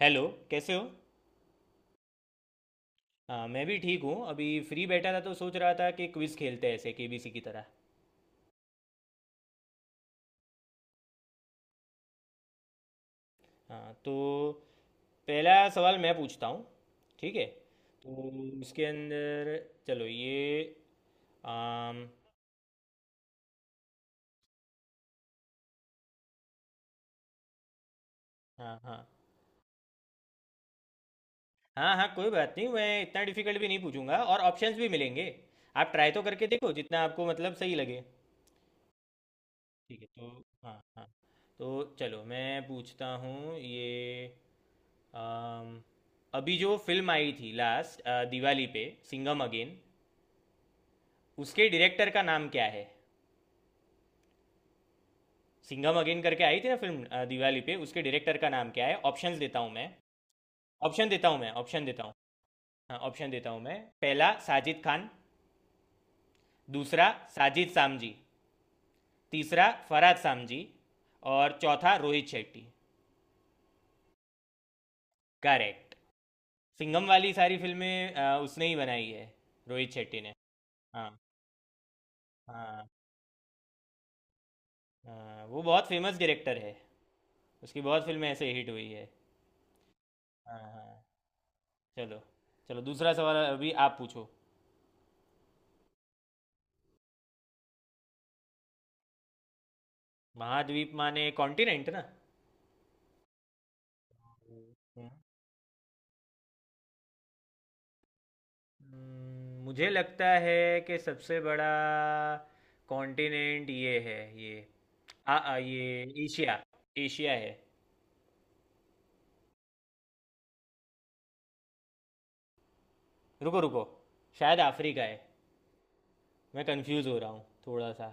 Hello. कैसे हो? हाँ, मैं भी ठीक हूँ। अभी फ्री बैठा था तो सोच रहा था कि क्विज़ खेलते हैं, ऐसे केबीसी की तरह। हाँ, तो पहला सवाल मैं पूछता हूँ, ठीक है? तो उसके अंदर, चलो ये आम। हाँ, हाँ। हाँ, हाँ, कोई बात नहीं। मैं इतना डिफिकल्ट भी नहीं पूछूंगा और ऑप्शंस भी मिलेंगे। आप ट्राई तो करके देखो, जितना आपको मतलब सही लगे। ठीक है, तो हाँ, हाँ, तो चलो मैं पूछता हूँ ये। अम, अभी जो फिल्म आई थी, लास्ट दिवाली पे, सिंघम अगेन, उसके डायरेक्टर का नाम क्या है? सिंघम अगेन करके आई थी ना फिल्म, दिवाली पे, उसके डायरेक्टर का नाम क्या है? ऑप्शंस देता हूँ मैं। ऑप्शन देता हूँ मैं, ऑप्शन देता हूँ। हाँ, ऑप्शन देता हूँ मैं। पहला साजिद खान, दूसरा साजिद सामजी, तीसरा फरहाद सामजी, और चौथा रोहित शेट्टी। करेक्ट। सिंघम वाली सारी फिल्में उसने ही बनाई है, रोहित शेट्टी ने। हाँ। हाँ, हाँ, वो बहुत फेमस डायरेक्टर है। उसकी बहुत फिल्में ऐसे हिट हुई है। हाँ, हाँ, चलो। चलो दूसरा सवाल अभी आप पूछो। महाद्वीप माने कॉन्टिनेंट ना? हम्म। मुझे लगता है कि सबसे बड़ा कॉन्टिनेंट ये है, ये आ, आ ये एशिया, एशिया है। रुको, रुको, शायद अफ्रीका है। मैं कंफ्यूज हो रहा हूँ थोड़ा सा।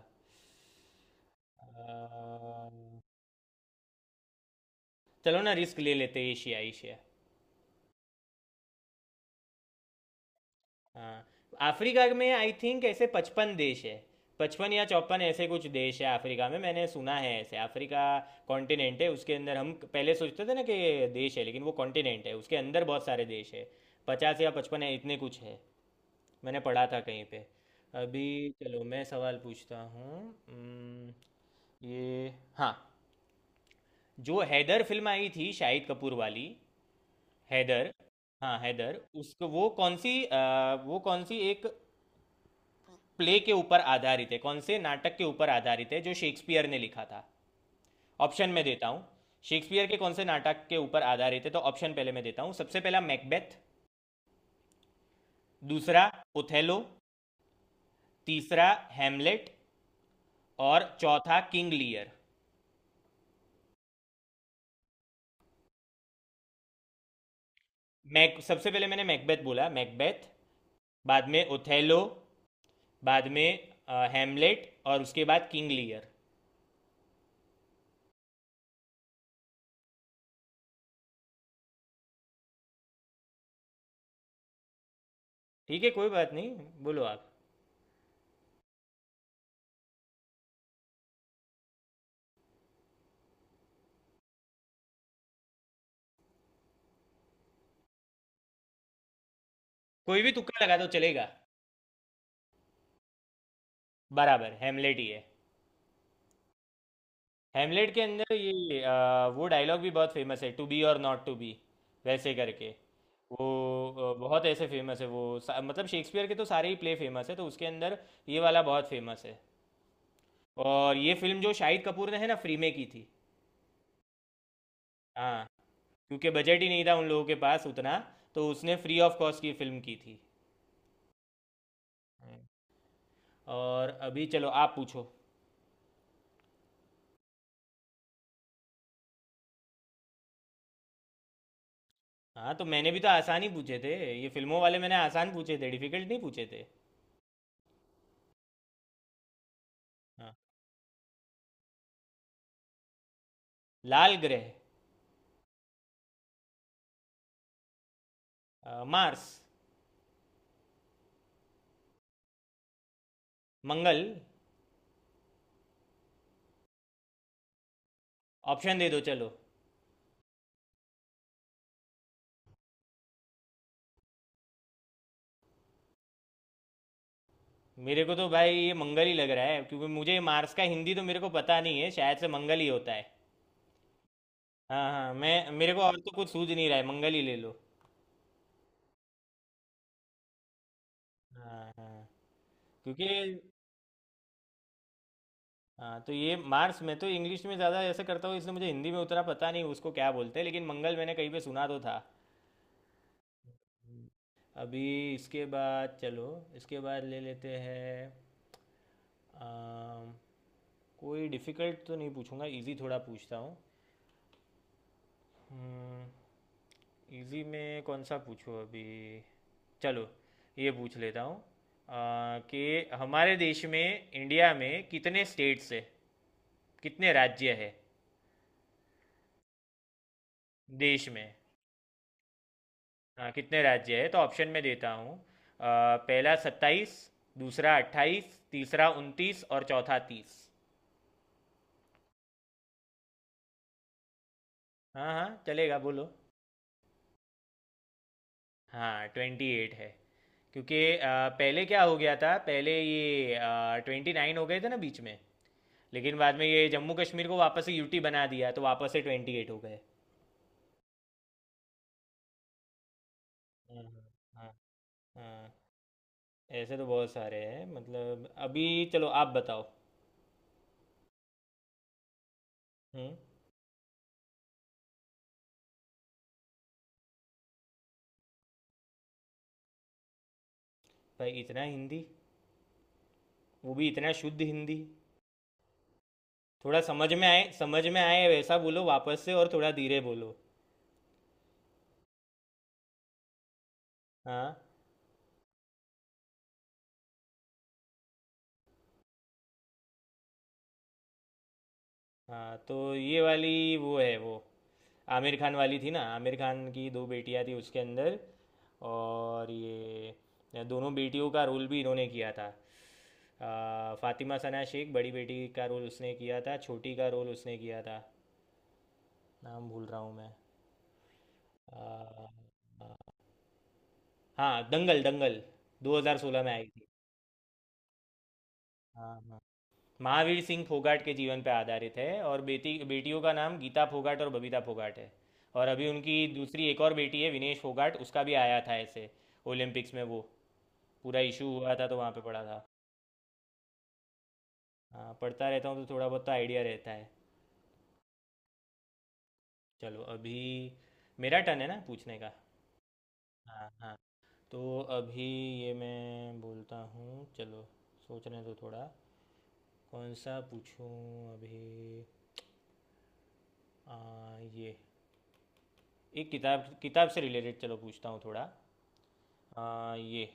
अ, चलो ना, रिस्क ले लेते हैं, एशिया, एशिया। हाँ, अफ्रीका में आई थिंक ऐसे पचपन देश है। पचपन या चौपन, ऐसे कुछ देश है अफ्रीका में, मैंने सुना है ऐसे। अफ्रीका कॉन्टिनेंट है, उसके अंदर हम पहले सोचते थे ना कि देश है, लेकिन वो कॉन्टिनेंट है। उसके अंदर बहुत सारे देश है, पचास या पचपन है, इतने कुछ है। मैंने पढ़ा था कहीं पे। अभी चलो मैं सवाल पूछता हूँ। उम्म, ये, हाँ, जो हैदर फिल्म आई थी, शाहिद कपूर वाली, हैदर। हाँ, हैदर, उसको वो कौन सी वो कौन सी एक प्ले के ऊपर आधारित है, कौन से नाटक के ऊपर आधारित है जो शेक्सपियर ने लिखा था? ऑप्शन में देता हूँ। शेक्सपियर के कौन से नाटक के ऊपर आधारित है, तो ऑप्शन पहले मैं देता हूँ। सबसे पहला मैकबेथ, दूसरा ओथेलो, तीसरा हैमलेट, और चौथा किंग लियर। मैक सबसे पहले मैंने मैकबेथ बोला, मैकबेथ। बाद में ओथेलो, बाद में हैमलेट, और उसके बाद किंग लियर। ठीक है, कोई बात नहीं। बोलो आप, कोई भी तुक्का लगा दो, चलेगा। बराबर, हेमलेट ही है। हेमलेट के अंदर ये वो डायलॉग भी बहुत फेमस है, टू बी और नॉट टू बी, वैसे करके। वो बहुत ऐसे फेमस है। वो मतलब शेक्सपियर के तो सारे ही प्ले फेमस है, तो उसके अंदर ये वाला बहुत फेमस है। और ये फिल्म जो शाहिद कपूर ने है ना, फ्री में की थी। हाँ, क्योंकि बजट ही नहीं था उन लोगों के पास उतना, तो उसने फ्री ऑफ कॉस्ट की फिल्म की थी। हम्म। और अभी चलो, आप पूछो। हाँ, तो मैंने भी तो आसान ही पूछे थे। ये फिल्मों वाले मैंने आसान पूछे थे, डिफिकल्ट नहीं पूछे थे। हाँ। लाल ग्रह? मार्स, मंगल। ऑप्शन दे दो चलो। मेरे को तो भाई ये मंगल ही लग रहा है, क्योंकि मुझे मार्स का हिंदी तो मेरे को पता नहीं है, शायद से मंगल ही होता है। हाँ, हाँ, मैं मेरे को और तो कुछ सूझ नहीं रहा है, मंगल ही ले लो। हाँ, हाँ, क्योंकि हाँ, तो ये मार्स मैं तो इंग्लिश में ज़्यादा ऐसे करता हूँ, इसलिए मुझे हिंदी में उतना पता नहीं उसको क्या बोलते हैं, लेकिन मंगल मैंने कहीं पे सुना तो था। अभी इसके बाद, चलो, इसके बाद ले लेते हैं। अम, कोई डिफ़िकल्ट तो नहीं पूछूंगा, इजी थोड़ा पूछता हूँ। इजी में कौन सा पूछूँ अभी? चलो ये पूछ लेता हूँ, कि हमारे देश में, इंडिया में, कितने स्टेट्स है? कितने राज्य है देश में? हाँ, कितने राज्य है। तो ऑप्शन में देता हूँ। पहला सत्ताईस, दूसरा अट्ठाईस, तीसरा उनतीस, और चौथा तीस। हाँ, हाँ, चलेगा, बोलो। हाँ, ट्वेंटी एट है, क्योंकि पहले क्या हो गया था, पहले ये ट्वेंटी नाइन हो गए थे ना बीच में। लेकिन बाद में ये जम्मू कश्मीर को वापस से यूटी बना दिया, तो वापस से ट्वेंटी एट हो गए। हाँ, हाँ, हाँ, ऐसे तो बहुत सारे हैं, मतलब। अभी चलो, आप बताओ। हम्म। भाई, इतना हिंदी, वो भी इतना शुद्ध हिंदी! थोड़ा समझ में आए, समझ में आए वैसा बोलो वापस से, और थोड़ा धीरे बोलो। हाँ। हाँ, तो ये वाली वो है, वो आमिर खान वाली थी ना, आमिर खान की दो बेटियां थी उसके अंदर। और ये दोनों बेटियों का रोल भी इन्होंने किया था। फातिमा सना शेख बड़ी बेटी का रोल उसने किया था, छोटी का रोल उसने किया था। नाम भूल रहा हूँ मैं। अ, हाँ, दंगल, दंगल। 2016 में आई थी। हाँ, हाँ। महावीर सिंह फोगाट के जीवन पर आधारित है, और बेटी बेटियों का नाम गीता फोगाट और बबीता फोगाट है। और अभी उनकी दूसरी एक और बेटी है विनेश फोगाट, उसका भी आया था ऐसे ओलंपिक्स में, वो पूरा इशू हुआ था, तो वहाँ पे पढ़ा था। हाँ, पढ़ता रहता हूँ तो थोड़ा बहुत तो आइडिया रहता है। चलो, अभी मेरा टर्न है ना पूछने का। हाँ, हाँ, तो अभी ये मैं बोलता हूँ। चलो, सोचने दो थोड़ा, कौन सा पूछूं अभी। आ, ये एक किताब, किताब से रिलेटेड चलो पूछता हूँ थोड़ा। ये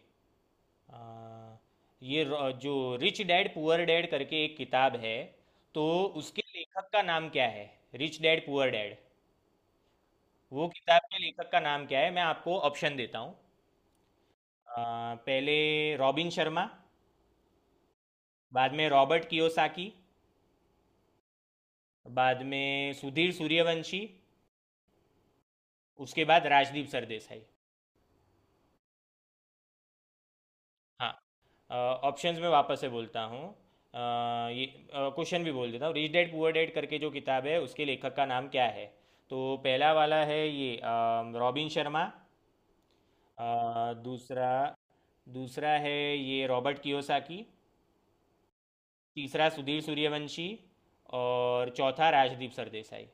आ, ये जो रिच डैड पुअर डैड करके एक किताब है, तो उसके लेखक का नाम क्या है? रिच डैड पुअर डैड, वो किताब के लेखक का नाम क्या है? मैं आपको ऑप्शन देता हूँ। पहले रॉबिन शर्मा, बाद में रॉबर्ट कियोसाकी, बाद में सुधीर सूर्यवंशी, उसके बाद राजदीप सरदेसाई। हाँ, ऑप्शंस में वापस से बोलता हूँ। ये क्वेश्चन भी बोल देता हूँ। रिच डैड पुअर डैड करके जो किताब है, उसके लेखक का नाम क्या है? तो पहला वाला है ये रॉबिन शर्मा। दूसरा दूसरा है ये रॉबर्ट कियोसाकी। तीसरा सुधीर सूर्यवंशी, और चौथा राजदीप सरदेसाई।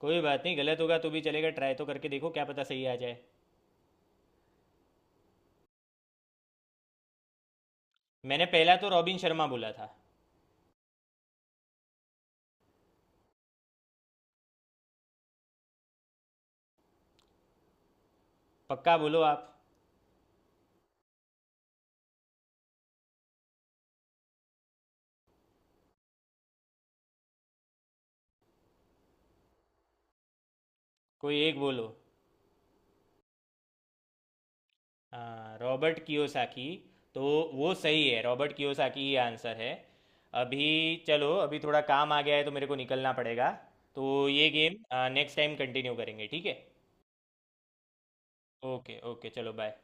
कोई बात नहीं, गलत होगा तो भी चलेगा, ट्राई तो करके देखो, क्या पता सही आ जाए। मैंने पहला तो रॉबिन शर्मा बोला था। पक्का बोलो आप, कोई एक बोलो। हाँ, रॉबर्ट कियोसाकी, तो वो सही है, रॉबर्ट कियोसाकी ही आंसर है। अभी चलो, अभी थोड़ा काम आ गया है तो मेरे को निकलना पड़ेगा। तो ये गेम नेक्स्ट टाइम कंटिन्यू करेंगे, ठीक है? ओके, ओके, चलो बाय।